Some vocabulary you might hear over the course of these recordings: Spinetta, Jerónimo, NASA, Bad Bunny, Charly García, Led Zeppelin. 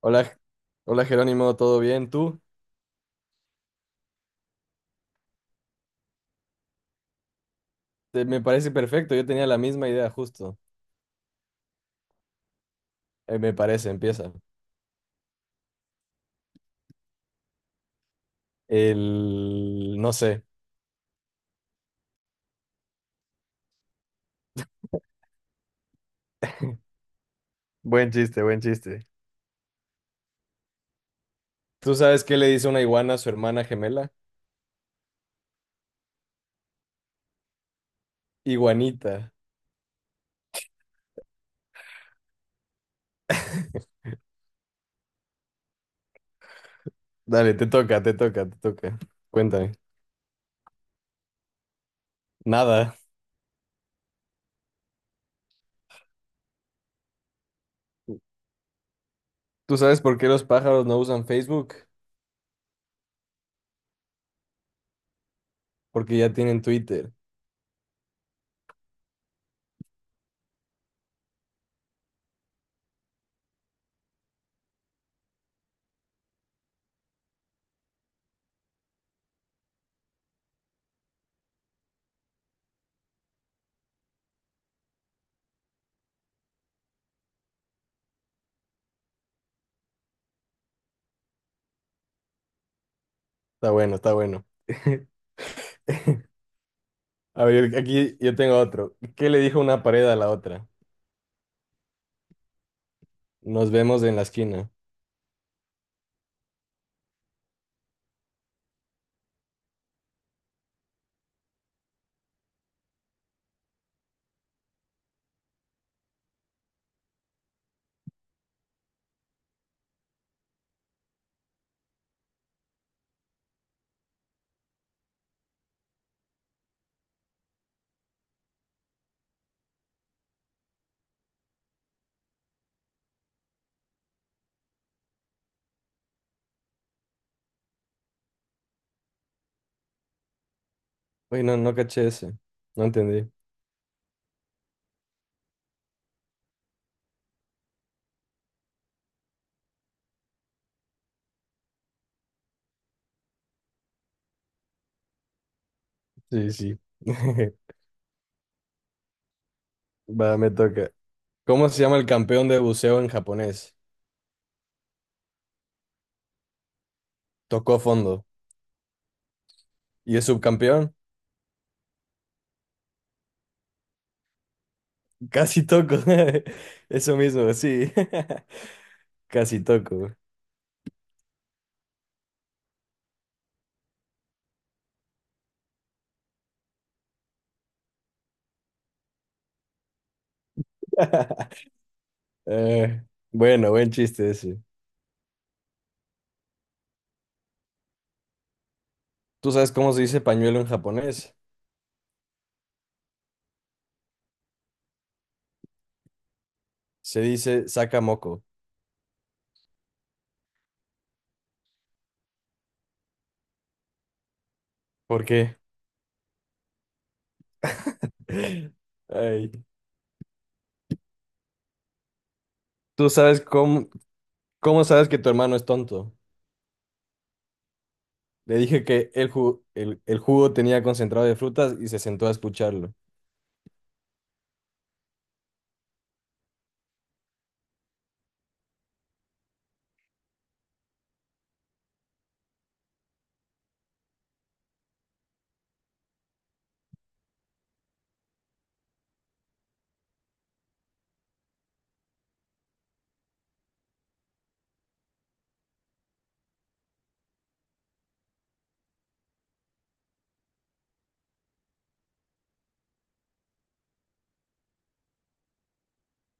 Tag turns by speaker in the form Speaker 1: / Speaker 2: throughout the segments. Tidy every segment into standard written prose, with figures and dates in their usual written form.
Speaker 1: Hola, hola Jerónimo, ¿todo bien? ¿Tú? Me parece perfecto, yo tenía la misma idea justo. Me parece, empieza. El... no sé. Buen chiste, buen chiste. ¿Tú sabes qué le dice una iguana a su hermana gemela? Iguanita. Dale, te toca, te toca, te toca. Cuéntame. Nada. ¿Tú sabes por qué los pájaros no usan Facebook? Porque ya tienen Twitter. Está bueno, está bueno. A ver, aquí yo tengo otro. ¿Qué le dijo una pared a la otra? Nos vemos en la esquina. Uy, no, no caché ese. No entendí. Sí, sí. Va, me toca. ¿Cómo se llama el campeón de buceo en japonés? Tocó fondo. ¿Y es subcampeón? Casi toco. Eso mismo, sí. Casi toco. Eh, bueno, buen chiste ese. ¿Tú sabes cómo se dice pañuelo en japonés? Se dice sakamoko. ¿Por qué? Ay. ¿Tú sabes cómo, cómo sabes que tu hermano es tonto? Le dije que el jugo tenía concentrado de frutas y se sentó a escucharlo.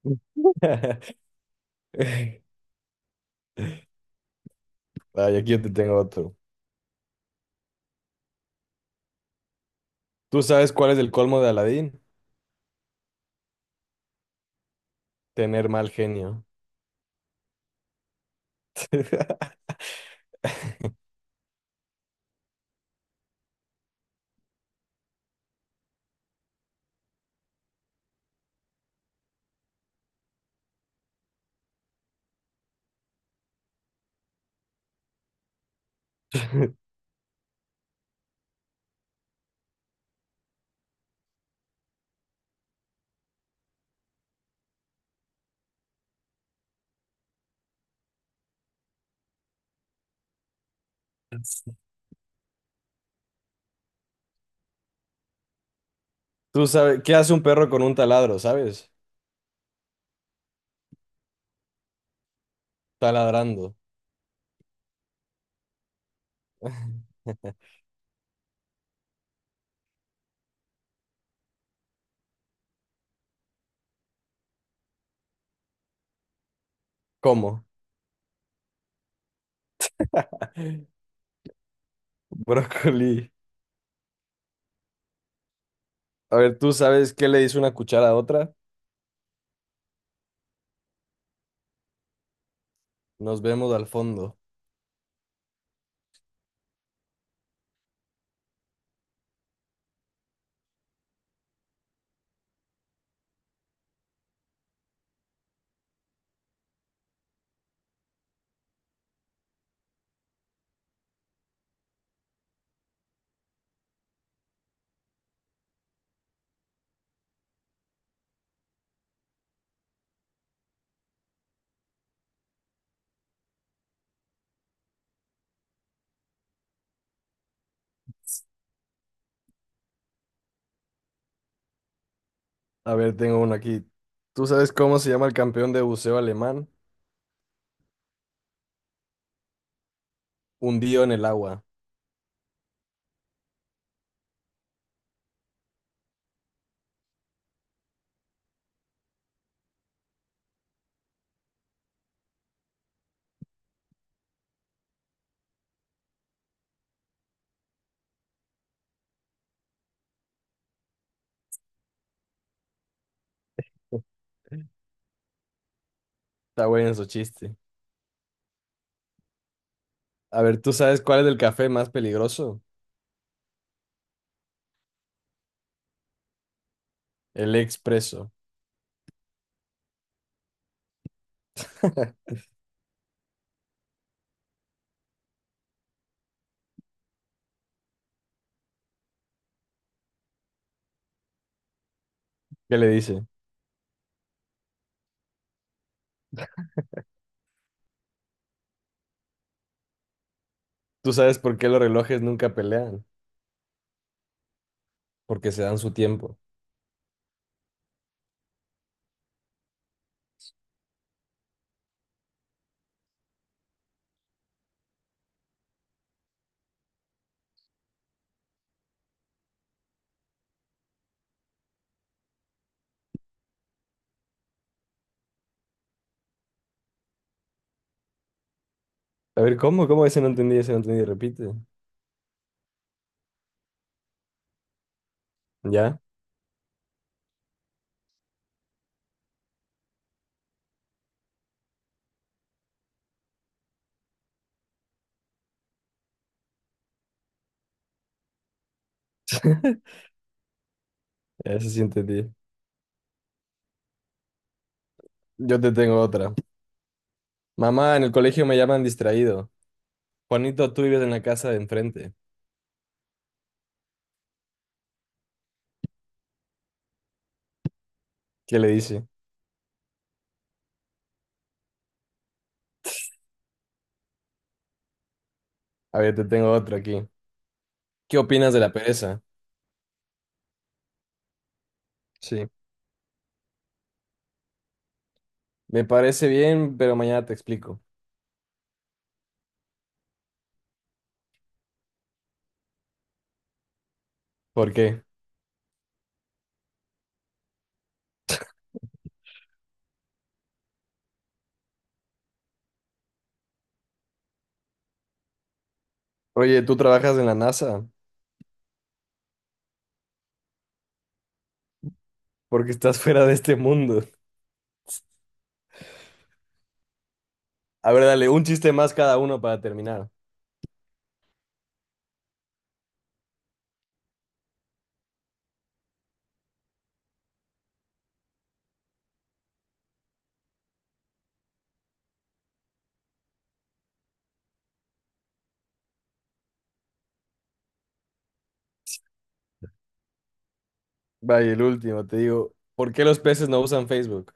Speaker 1: Ay, aquí yo te tengo otro. ¿Tú sabes cuál es el colmo de Aladín? Tener mal genio. ¿Tú sabes qué hace un perro con un taladro, sabes? Taladrando. ¿Cómo? Brócoli. A ver, ¿tú sabes qué le hizo una cuchara a otra? Nos vemos al fondo. A ver, tengo uno aquí. ¿Tú sabes cómo se llama el campeón de buceo alemán? Hundido en el agua. Está bueno su chiste. A ver, ¿tú sabes cuál es el café más peligroso? El expreso. ¿Qué le dice? ¿Tú sabes por qué los relojes nunca pelean? Porque se dan su tiempo. A ver, ¿cómo? ¿Cómo? Ese no entendí, ese no entendí. Repite. ¿Ya? Ese sí entendí. Yo te tengo otra. Mamá, en el colegio me llaman distraído. Juanito, tú vives en la casa de enfrente. ¿Qué le dice? A ver, te tengo otra aquí. ¿Qué opinas de la pereza? Sí. Me parece bien, pero mañana te explico. ¿Por qué? Oye, ¿tú trabajas en la NASA? Porque estás fuera de este mundo. A ver, dale, un chiste más cada uno para terminar. Vaya, el último, te digo, ¿por qué los peces no usan Facebook?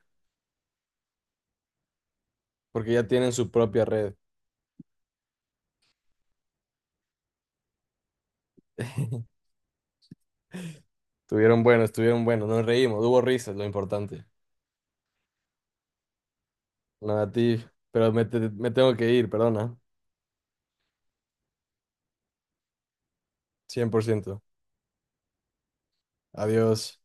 Speaker 1: Porque ya tienen su propia red. Estuvieron buenos, nos reímos, hubo risas, lo importante. Nada, a ti, pero me tengo que ir, perdona. 100%. Adiós.